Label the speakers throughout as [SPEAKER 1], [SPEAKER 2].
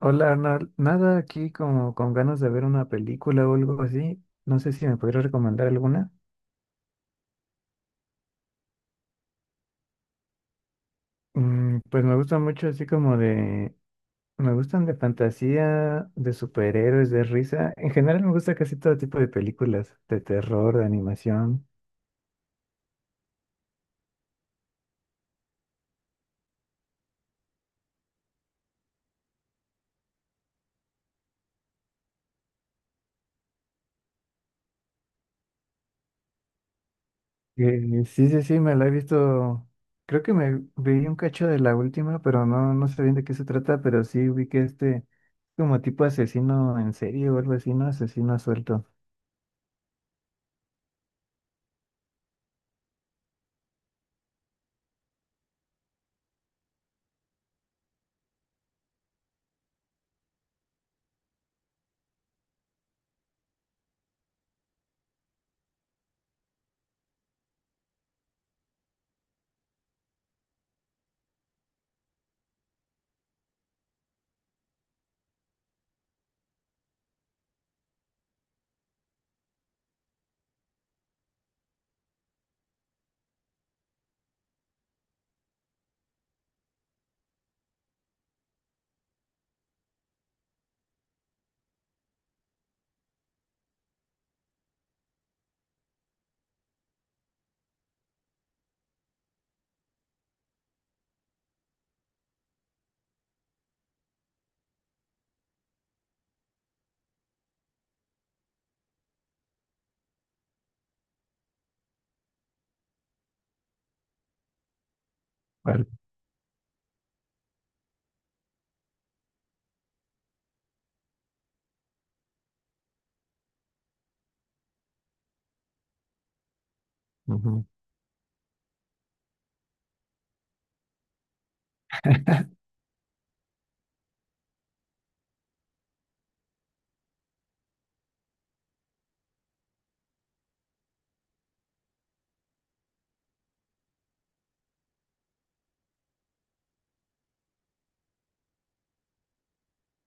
[SPEAKER 1] Hola Arnold, nada aquí como con ganas de ver una película o algo así. No sé si me podrías recomendar alguna. Pues me gusta mucho así como de... Me gustan de fantasía, de superhéroes, de risa. En general me gusta casi todo tipo de películas, de terror, de animación. Sí, sí, sí, me la he visto. Creo que me vi un cacho de la última, pero no, no sé bien de qué se trata, pero sí vi que este como tipo asesino en serie o algo así, ¿no? Asesino suelto. Vale.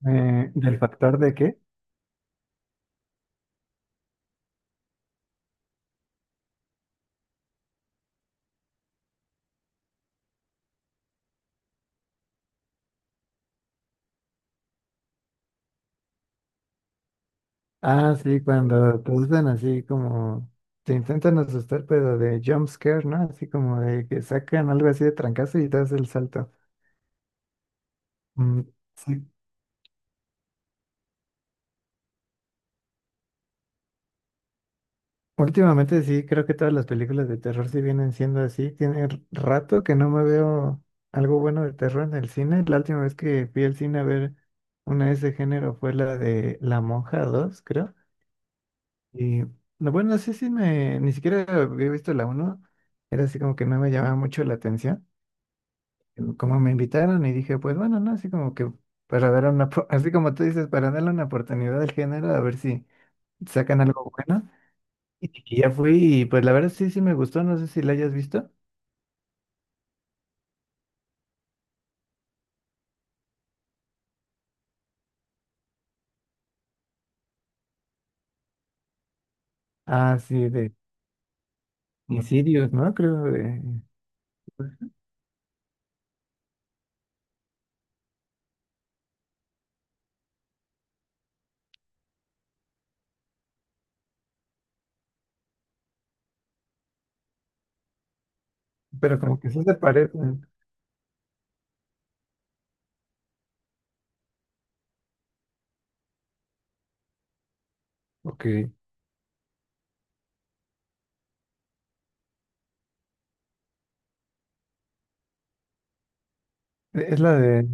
[SPEAKER 1] ¿Del factor de qué? Ah, sí, cuando te usan así como, te intentan asustar, pero de jump scare, ¿no? Así como de que sacan algo así de trancazo y das el salto. Mm, sí. Últimamente sí, creo que todas las películas de terror sí vienen siendo así. Tiene rato que no me veo algo bueno de terror en el cine. La última vez que fui al cine a ver una de ese género fue la de La Monja dos, creo. Y no, bueno, no sé si me, ni siquiera había visto la uno, era así como que no me llamaba mucho la atención, como me invitaron y dije, pues bueno, no, así como que para dar una, así como tú dices, para darle una oportunidad al género, a ver si sacan algo bueno. Y ya fui y pues la verdad sí, sí me gustó, no sé si la hayas visto. Ah, sí, de Insidious, ¿no? Creo de, pero como que sí se parecen. Ok, e, es la de,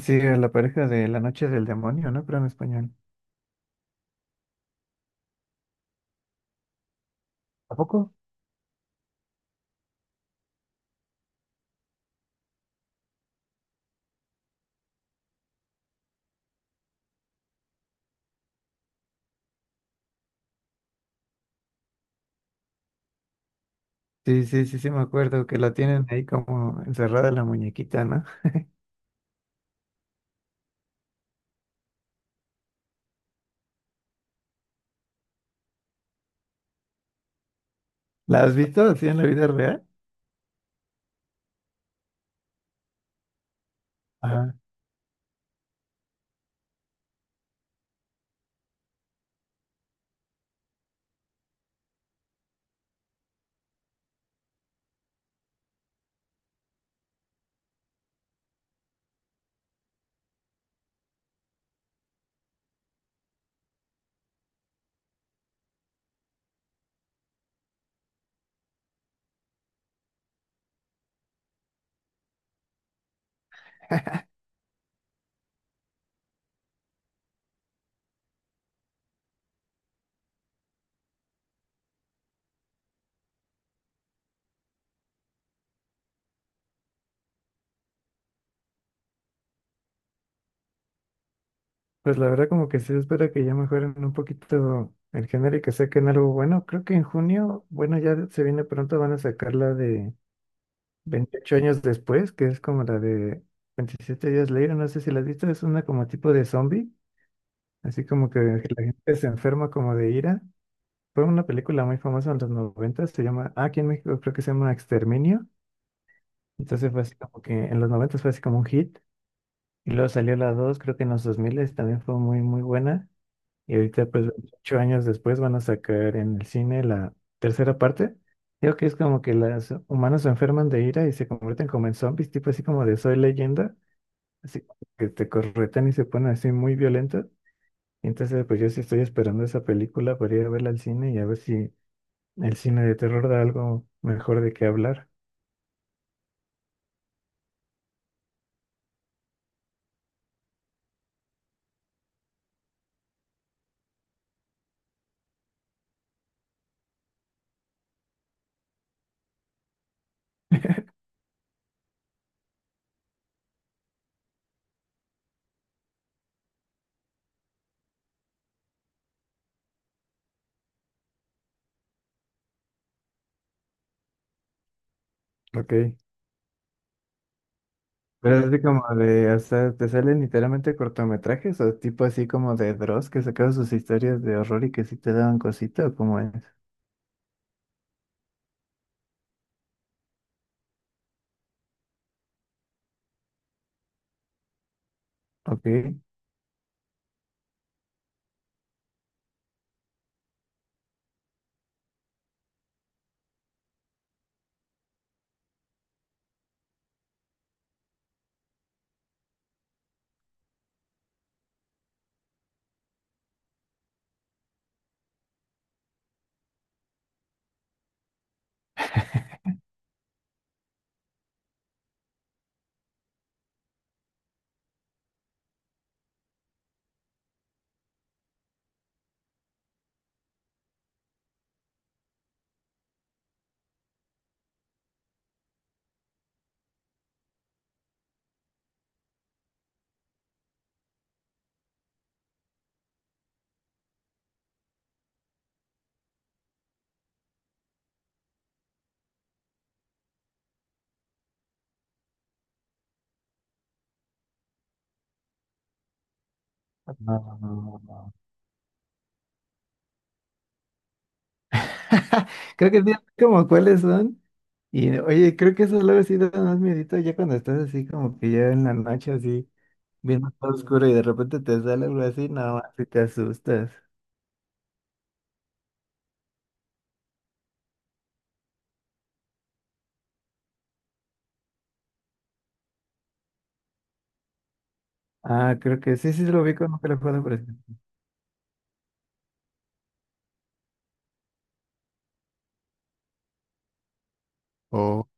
[SPEAKER 1] sí, la pareja de La Noche del Demonio, ¿no? Pero en español. ¿A poco? Sí, sí, sí, sí, me acuerdo que la tienen ahí como encerrada la muñequita, ¿no? ¿La has visto así en la vida real? Ajá. Pues la verdad como que sí, espero que ya mejoren un poquito el género y que saquen algo bueno. Creo que en junio, bueno, ya se viene pronto, van a sacar la de 28 años después, que es como la de 27 días later, no sé si la has visto, es una como tipo de zombie, así como que la gente se enferma como de ira. Fue una película muy famosa en los 90, se llama, ah, aquí en México creo que se llama Exterminio. Entonces fue así como que en los noventas fue así como un hit. Y luego salió la dos, creo que en los 2000 también fue muy, muy buena. Y ahorita, pues, ocho años después van a sacar en el cine la tercera parte. Creo que es como que los humanos se enferman de ira y se convierten como en zombies, tipo así como de Soy Leyenda. Así que te corretan y se ponen así muy violentos. Y entonces, pues yo sí estoy esperando esa película para ir a verla al cine y a ver si el cine de terror da algo mejor de qué hablar. Ok. Pero es así como de, o sea, te salen literalmente cortometrajes o tipo así como de Dross que sacaba sus historias de horror y que sí te daban cosita o cómo es. Ok. No, no, no. Creo que sí, como cuáles son. Y oye, creo que eso luego sí da más miedito ya cuando estás así como que ya en la noche así, viendo todo oscuro y de repente te sale algo así, no, si te asustas. Ah, creo que sí, sí lo vi con un teléfono, por ejemplo. Oh,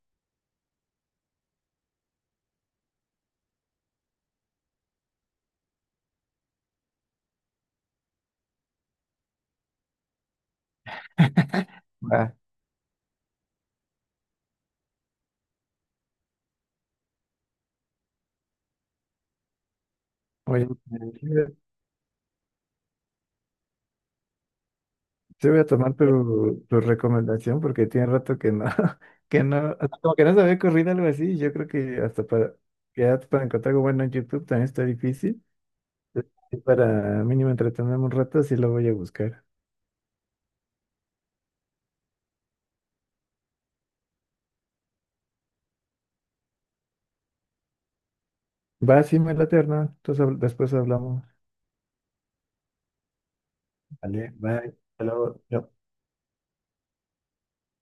[SPEAKER 1] va. Oye, sí, voy a tomar tu, tu recomendación porque tiene rato que no, que no, o sea, como que no se me había ocurrido algo así. Yo creo que hasta para, ya para encontrar algo bueno en YouTube también está difícil. Y para mínimo entretenerme un rato, sí lo voy a buscar. Va, sí, me late, Hernán. Entonces después hablamos. Vale, bye. Hasta luego. Chao.